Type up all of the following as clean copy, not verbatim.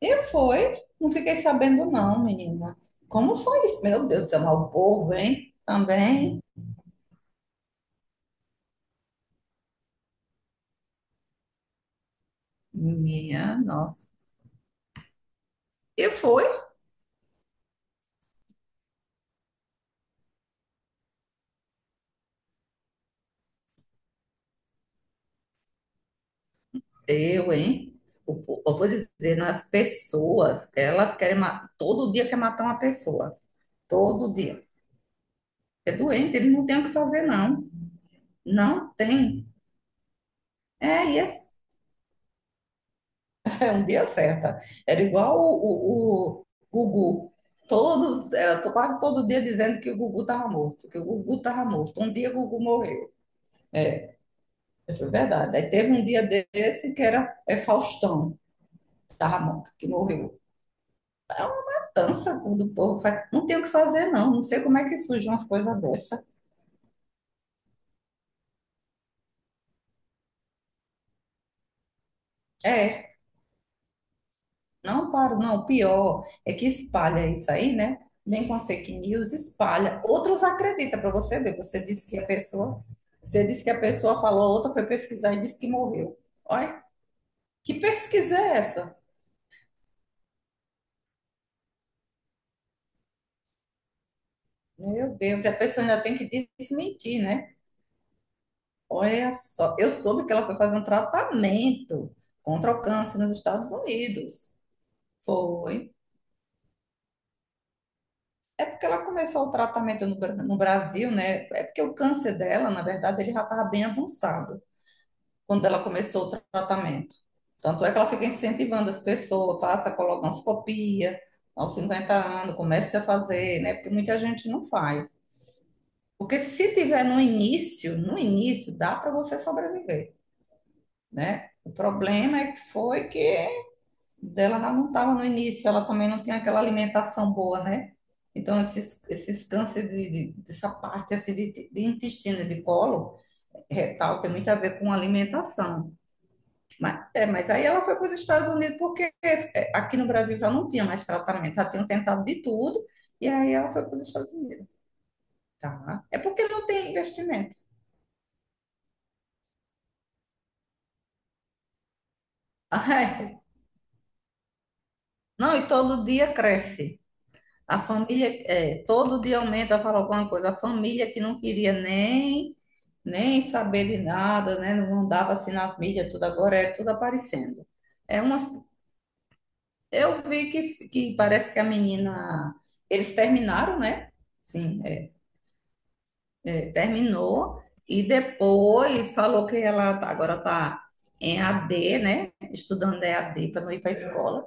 E foi, não fiquei sabendo não, menina. Como foi isso? Meu Deus do céu, mas o povo, hein? Também, minha nossa. E foi, eu, hein? Eu vou dizer, nas pessoas, elas querem matar, todo dia quer matar uma pessoa, todo dia. É doente, eles não têm o que fazer, não. Não tem. É, e esse é um dia certo. Era igual o Gugu. Quase todo dia dizendo que o Gugu estava morto, que o Gugu estava morto. Um dia o Gugu morreu. Foi verdade. Aí teve um dia desse que era Faustão da Ramonca, que morreu. É uma matança quando o povo faz. Não tem o que fazer, não. Não sei como é que surgem umas coisas dessas. É, não paro, não. O pior é que espalha isso aí, né? Vem com a fake news, espalha. Outros acreditam para você ver. Você disse que a pessoa. Você disse que a pessoa falou, outra foi pesquisar e disse que morreu. Olha, que pesquisa é essa? Meu Deus, e a pessoa ainda tem que desmentir, né? Olha só, eu soube que ela foi fazer um tratamento contra o câncer nos Estados Unidos. Foi. É porque ela começou o tratamento no Brasil, né? É porque o câncer dela, na verdade, ele já estava bem avançado quando ela começou o tratamento. Tanto é que ela fica incentivando as pessoas, faça colonoscopia aos 50 anos, comece a fazer, né? Porque muita gente não faz. Porque se tiver no início, no início, dá para você sobreviver, né? O problema é que foi que dela já não estava no início, ela também não tinha aquela alimentação boa, né? Então, esses cânceres dessa parte assim, de intestino, de colo retal, tem muito a ver com alimentação. Mas, é, mas aí ela foi para os Estados Unidos porque é, aqui no Brasil já não tinha mais tratamento, já tinham tentado de tudo, e aí ela foi para os Estados Unidos. Tá? É porque não tem investimento. Ai, não, e todo dia cresce. A família, é, todo dia aumenta, fala alguma coisa. A família que não queria nem, saber de nada, né? Não dava assim nas mídias, tudo agora é tudo aparecendo. É umas, eu vi que parece que a menina, eles terminaram, né? Sim, terminou e depois falou que ela agora tá em AD, né? Estudando EAD para não ir para a escola.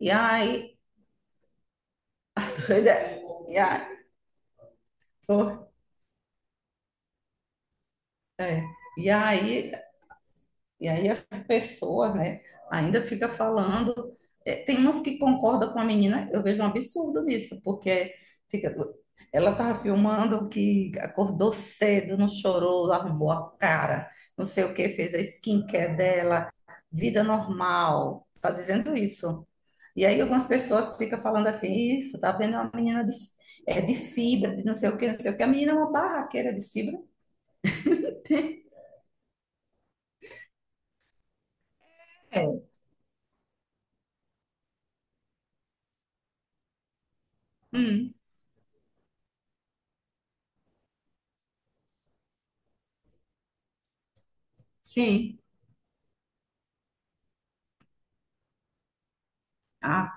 E aí, a doida, e aí, foi. E aí E aí as pessoas, né, ainda fica falando. É, tem umas que concordam com a menina, eu vejo um absurdo nisso, porque fica, ela estava filmando que acordou cedo, não chorou, arrumou a cara, não sei o que, fez a skincare dela, vida normal. Tá dizendo isso. E aí algumas pessoas ficam falando assim, isso, tá vendo? É uma menina de, é de fibra, de não sei o que, não sei o que. A menina é uma barraqueira de fibra. É. Hum, sim. Ah,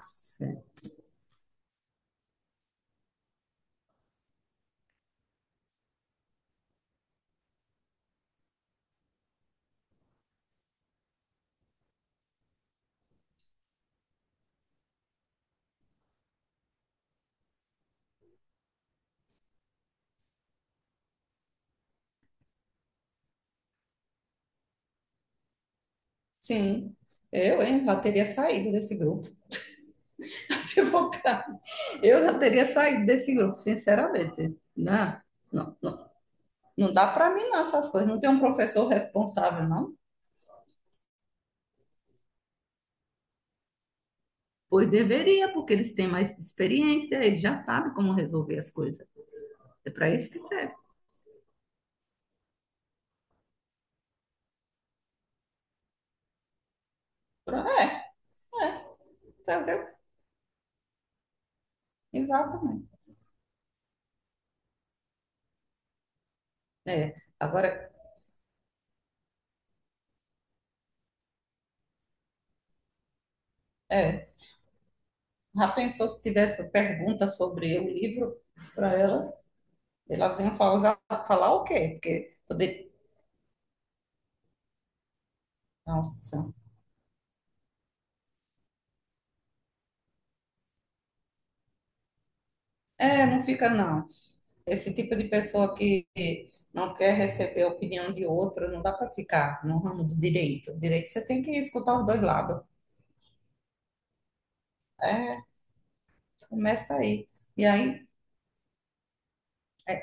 sim, eu, hein, já teria saído desse grupo, se for o caso. Eu já teria saído desse grupo, sinceramente. Não, não, não, não dá para mim não, essas coisas. Não tem um professor responsável, não? Pois deveria, porque eles têm mais experiência, eles já sabem como resolver as coisas. É para isso que serve. É, é, fazer o quê? Exatamente. É, agora, é, já pensou se tivesse pergunta sobre o livro para elas? Elas iam falar, falar o quê? Porque poder... Nossa. É, não fica não. Esse tipo de pessoa que não quer receber a opinião de outro, não dá para ficar no ramo do direito. Direito você tem que escutar os dois lados. É, começa aí. E aí, é,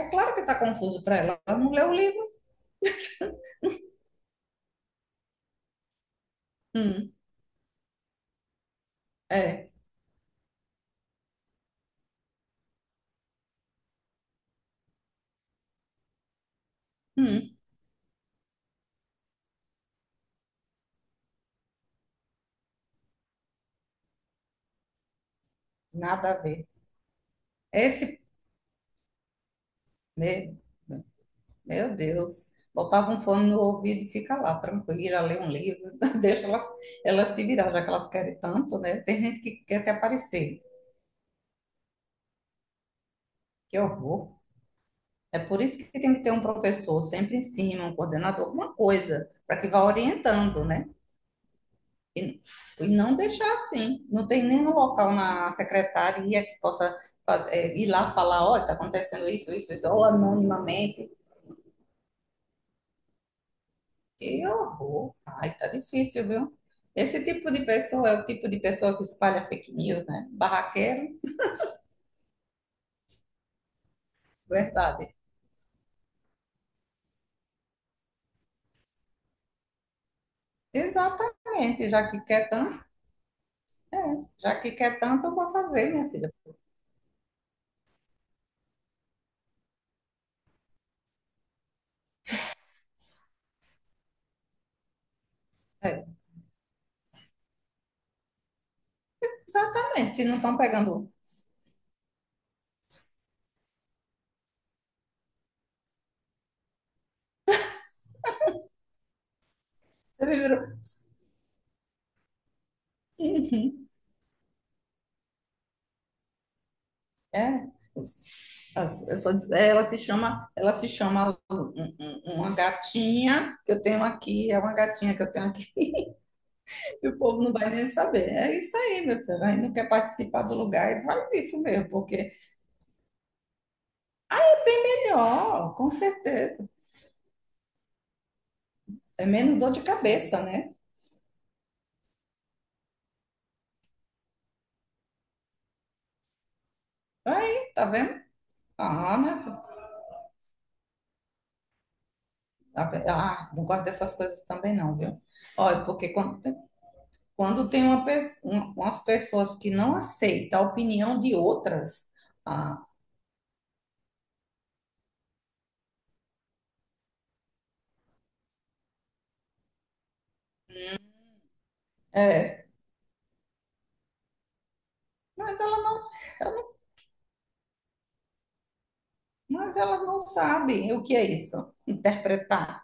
é claro que está confuso para ela. Ela não leu o livro. Hum, é, hum, nada a ver. Esse mesmo, meu Deus. Botava um fone no ouvido e fica lá, tranquila, lê um livro, deixa ela, ela se virar, já que elas querem tanto, né? Tem gente que quer se aparecer. Que horror. É por isso que tem que ter um professor sempre em cima, um coordenador, alguma coisa, para que vá orientando, né? E, e não deixar assim. Não tem nenhum local na secretaria que possa é, ir lá falar, ó, oh, está acontecendo isso, isso, isso, ou anonimamente. Que horror! Ai, tá difícil, viu? Esse tipo de pessoa é o tipo de pessoa que espalha fake news, né? Barraqueiro, verdade. Exatamente, já que quer tanto, já que quer tanto, eu vou fazer, minha filha. É, exatamente, se não estão pegando Ele virou, "Hum, É, eu só é, ela se chama uma gatinha que eu tenho aqui, é uma gatinha que eu tenho aqui, e o povo não vai nem saber. É isso aí, meu filho. Aí não quer participar do lugar e faz isso mesmo, porque é melhor, com certeza. É menos dor de cabeça, né? Aí, tá vendo? Ah, meu filho. Tá vendo? Ah, não gosto dessas coisas também, não, viu? Olha, porque quando tem umas pessoas que não aceitam a opinião de outras. Ah, é, mas ela não, ela- mas ela não sabe o que é isso, interpretar.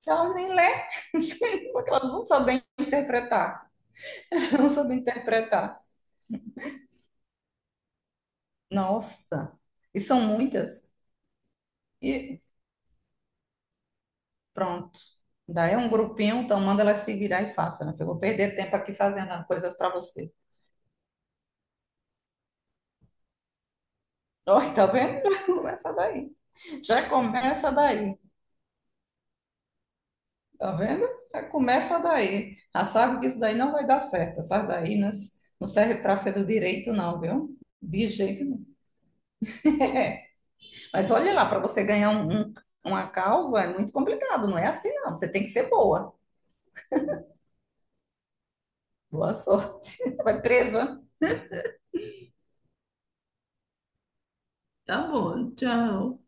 Se ela nem lê, sim, porque ela não sabe interpretar, não sabe interpretar. Nossa, e são muitas. E pronto. Daí é um grupinho, então manda ela se virar e faça, né? Eu vou perder tempo aqui fazendo coisas para você. Olha, tá vendo? Já começa daí. Já começa daí. Tá vendo? Já começa daí. Já sabe que isso daí não vai dar certo. Essa daí não, não serve para ser do direito, não, viu? De jeito nenhum. É. É. Mas olha lá, para você ganhar uma causa é muito complicado. Não é assim, não. Você tem que ser boa. Boa sorte. Vai presa. Tá bom, tchau.